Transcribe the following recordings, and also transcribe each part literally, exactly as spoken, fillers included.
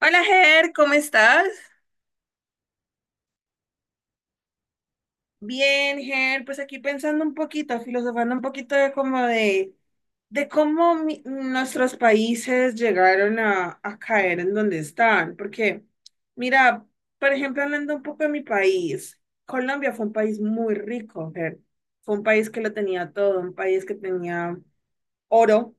Hola, Ger, ¿cómo estás? Bien, Ger, pues aquí pensando un poquito, filosofando un poquito de como de, de cómo mi- nuestros países llegaron a, a caer en donde están. Porque, mira, por ejemplo, hablando un poco de mi país, Colombia fue un país muy rico, Ger. Fue un país que lo tenía todo, un país que tenía oro,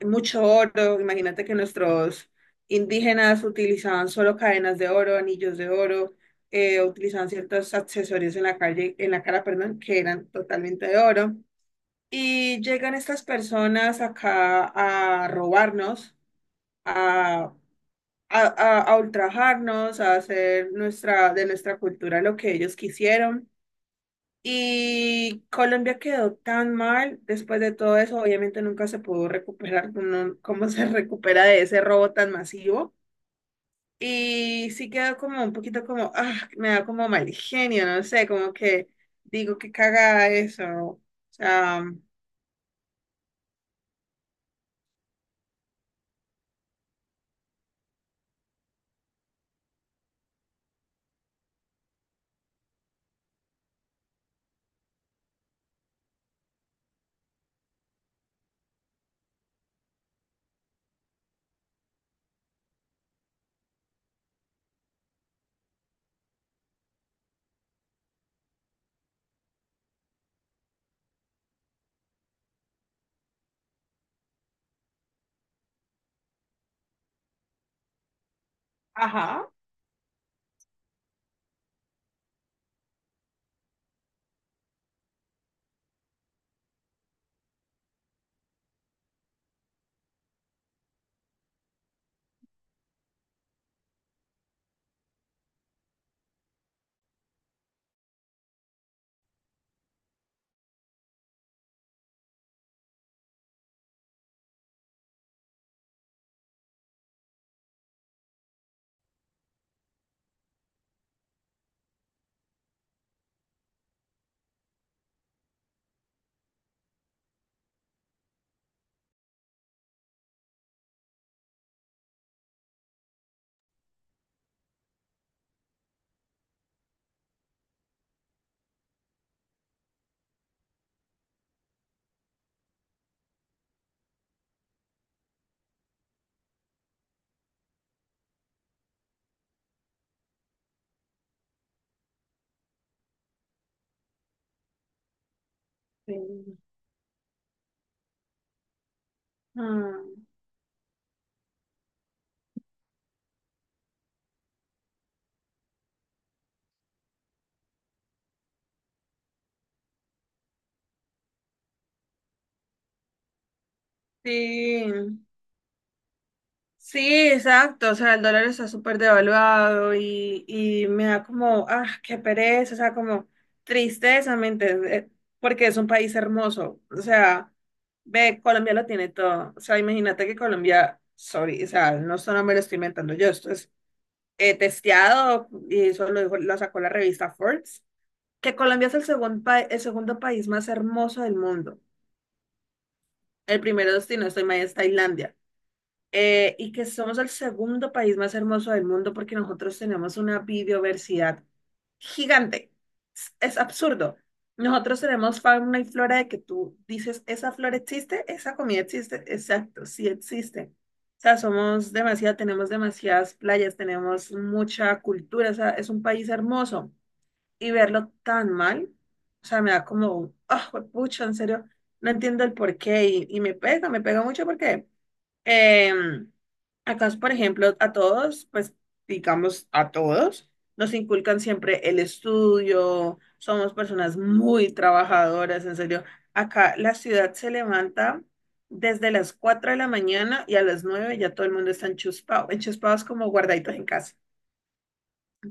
mucho oro. Imagínate que nuestros indígenas utilizaban solo cadenas de oro, anillos de oro, eh, utilizaban ciertos accesorios en la calle, en la cara, perdón, que eran totalmente de oro. Y llegan estas personas acá a robarnos, a, a, a, a ultrajarnos, a hacer nuestra, de nuestra cultura lo que ellos quisieron. Y Colombia quedó tan mal después de todo eso, obviamente nunca se pudo recuperar. No- ¿cómo se recupera de ese robo tan masivo? Y sí quedó como un poquito como, ah, me da como mal genio, no sé, como que digo que caga eso. O sea, ajá. Sí. Ah, sí. Sí, exacto, o sea, el dólar está súper devaluado y, y me da como, ah, qué pereza, o sea, como tristeza, ¿me entiendes? Eh, Porque es un país hermoso, o sea, ve, Colombia lo tiene todo, o sea, imagínate que Colombia, sorry, o sea, no solo me lo estoy inventando yo, esto es eh, testeado y eso lo dijo, lo sacó la revista Forbes, que Colombia es el segundo, el segundo país más hermoso del mundo. El primero, si no estoy mal, es Tailandia. Eh, y que somos el segundo país más hermoso del mundo porque nosotros tenemos una biodiversidad gigante. Es, es absurdo. Nosotros tenemos fauna y flora de que tú dices, esa flora existe, esa comida existe, exacto, sí existe. O sea, somos demasiado, tenemos demasiadas playas, tenemos mucha cultura, o sea, es un país hermoso. Y verlo tan mal, o sea, me da como, ah, pucha, en serio, no entiendo el porqué y, y me pega, me pega mucho porque eh, acá, por ejemplo, a todos, pues digamos a todos, nos inculcan siempre el estudio, somos personas muy trabajadoras, en serio. Acá la ciudad se levanta desde las cuatro de la mañana y a las nueve ya todo el mundo está enchuspado. Enchuspado es como guardaditos en casa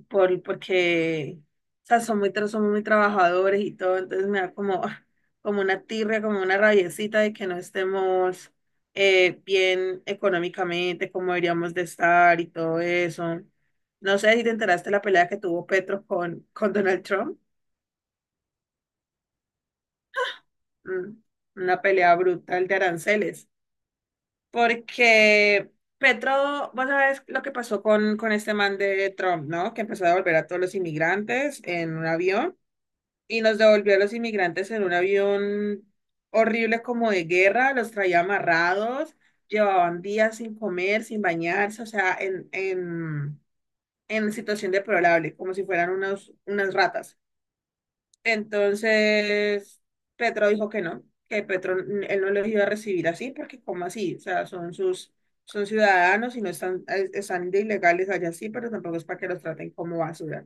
por, porque, o sea, son muy, tra- somos muy trabajadores y todo, entonces me da como, como una tirria, como una rabiecita de que no estemos eh, bien económicamente, como deberíamos de estar y todo eso. No sé si te enteraste de la pelea que tuvo Petro con, con, Donald Trump. Mm. Una pelea brutal de aranceles, porque Petro, vos sabés lo que pasó con, con este man de Trump, ¿no? Que empezó a devolver a todos los inmigrantes en un avión. Y nos devolvió a los inmigrantes en un avión horrible como de guerra, los traía amarrados, llevaban días sin comer, sin bañarse, o sea, en, en, en situación deplorable, como si fueran unos, unas ratas. Entonces, Petro dijo que no, que Petro, él no los iba a recibir así, ¿porque como así? O sea, son sus, son ciudadanos y no están, eh, están de ilegales allá sí, pero tampoco es para que los traten como basura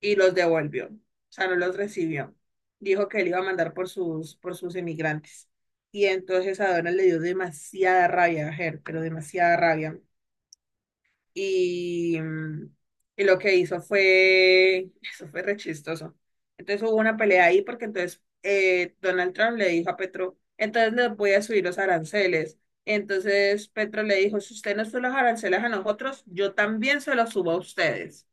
y los devolvió. O sea, no los recibió. Dijo que él iba a mandar por sus, por sus emigrantes. Y entonces a Donald le dio demasiada rabia a Her, pero demasiada rabia. Y, mm, y lo que hizo fue, eso fue rechistoso. Entonces hubo una pelea ahí porque entonces eh, Donald Trump le dijo a Petro, entonces les voy a subir los aranceles. Entonces Petro le dijo, si usted no sube los aranceles a nosotros, yo también se los subo a ustedes.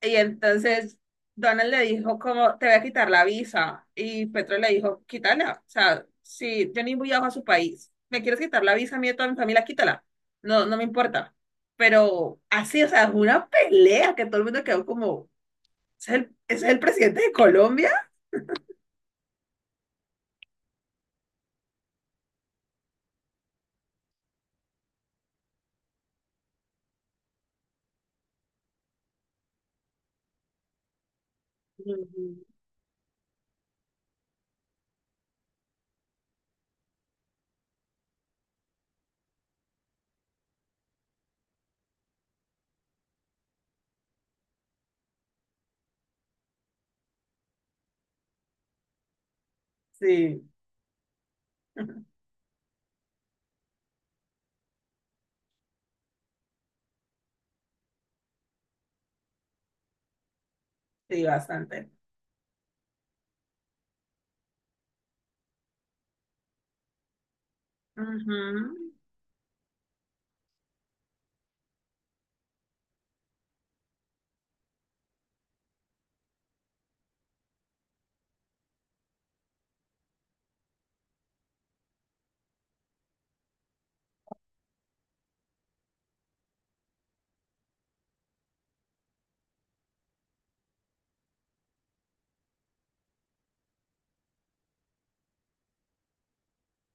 Y entonces Donald le dijo como, te voy a quitar la visa. Y Petro le dijo, quítala. O sea, si yo ni viajo a su país, me quieres quitar la visa a mí y a toda mi familia, quítala. No, no me importa. Pero así, o sea, es una pelea que todo el mundo quedó como, ¿ese ¿es el, ese es el presidente de Colombia? Ujú. Sí, sí, bastante. Ujú.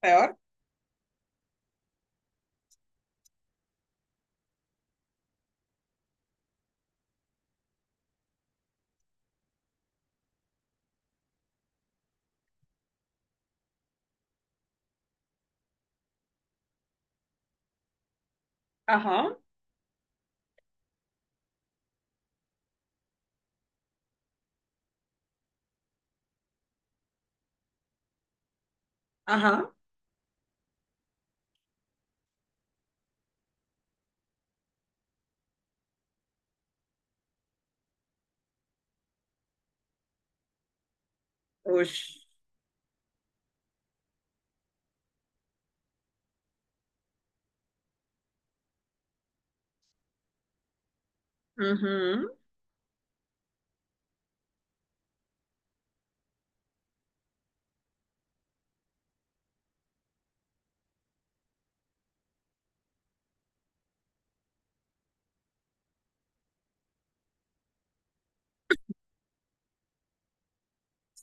Peor. Ajá, ajá. Ush. Ujú.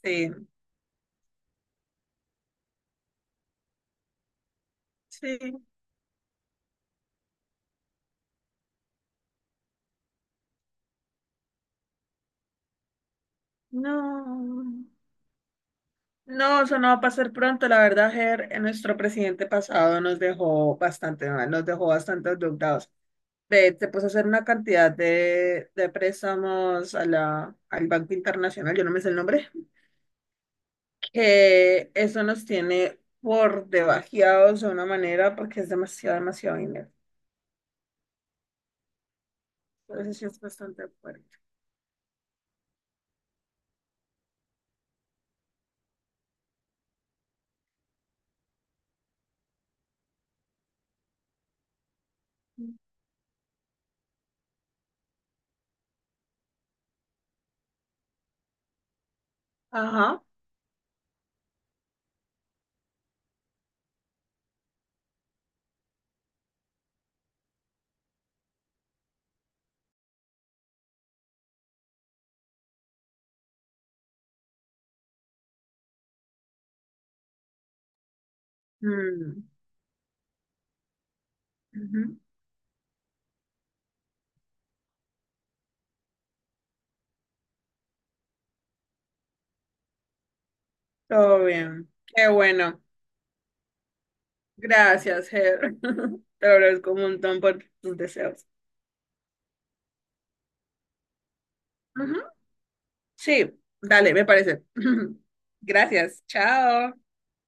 Sí, sí. No. No, eso no va a pasar pronto. La verdad, Ger, eh, nuestro presidente pasado nos dejó bastante mal, nos dejó bastante endeudados. De, se puso a hacer una cantidad de, de préstamos a la, al Banco Internacional, yo no me sé el nombre, que eso nos tiene por debajeados de una manera porque es demasiado, demasiado dinero. Entonces sí es bastante fuerte. Ajá. Mm, ujú. Todo bien. Qué bueno. Gracias, Ger. Te lo agradezco un montón por tus deseos. Ujú. Sí, dale, me parece. Gracias. Chao.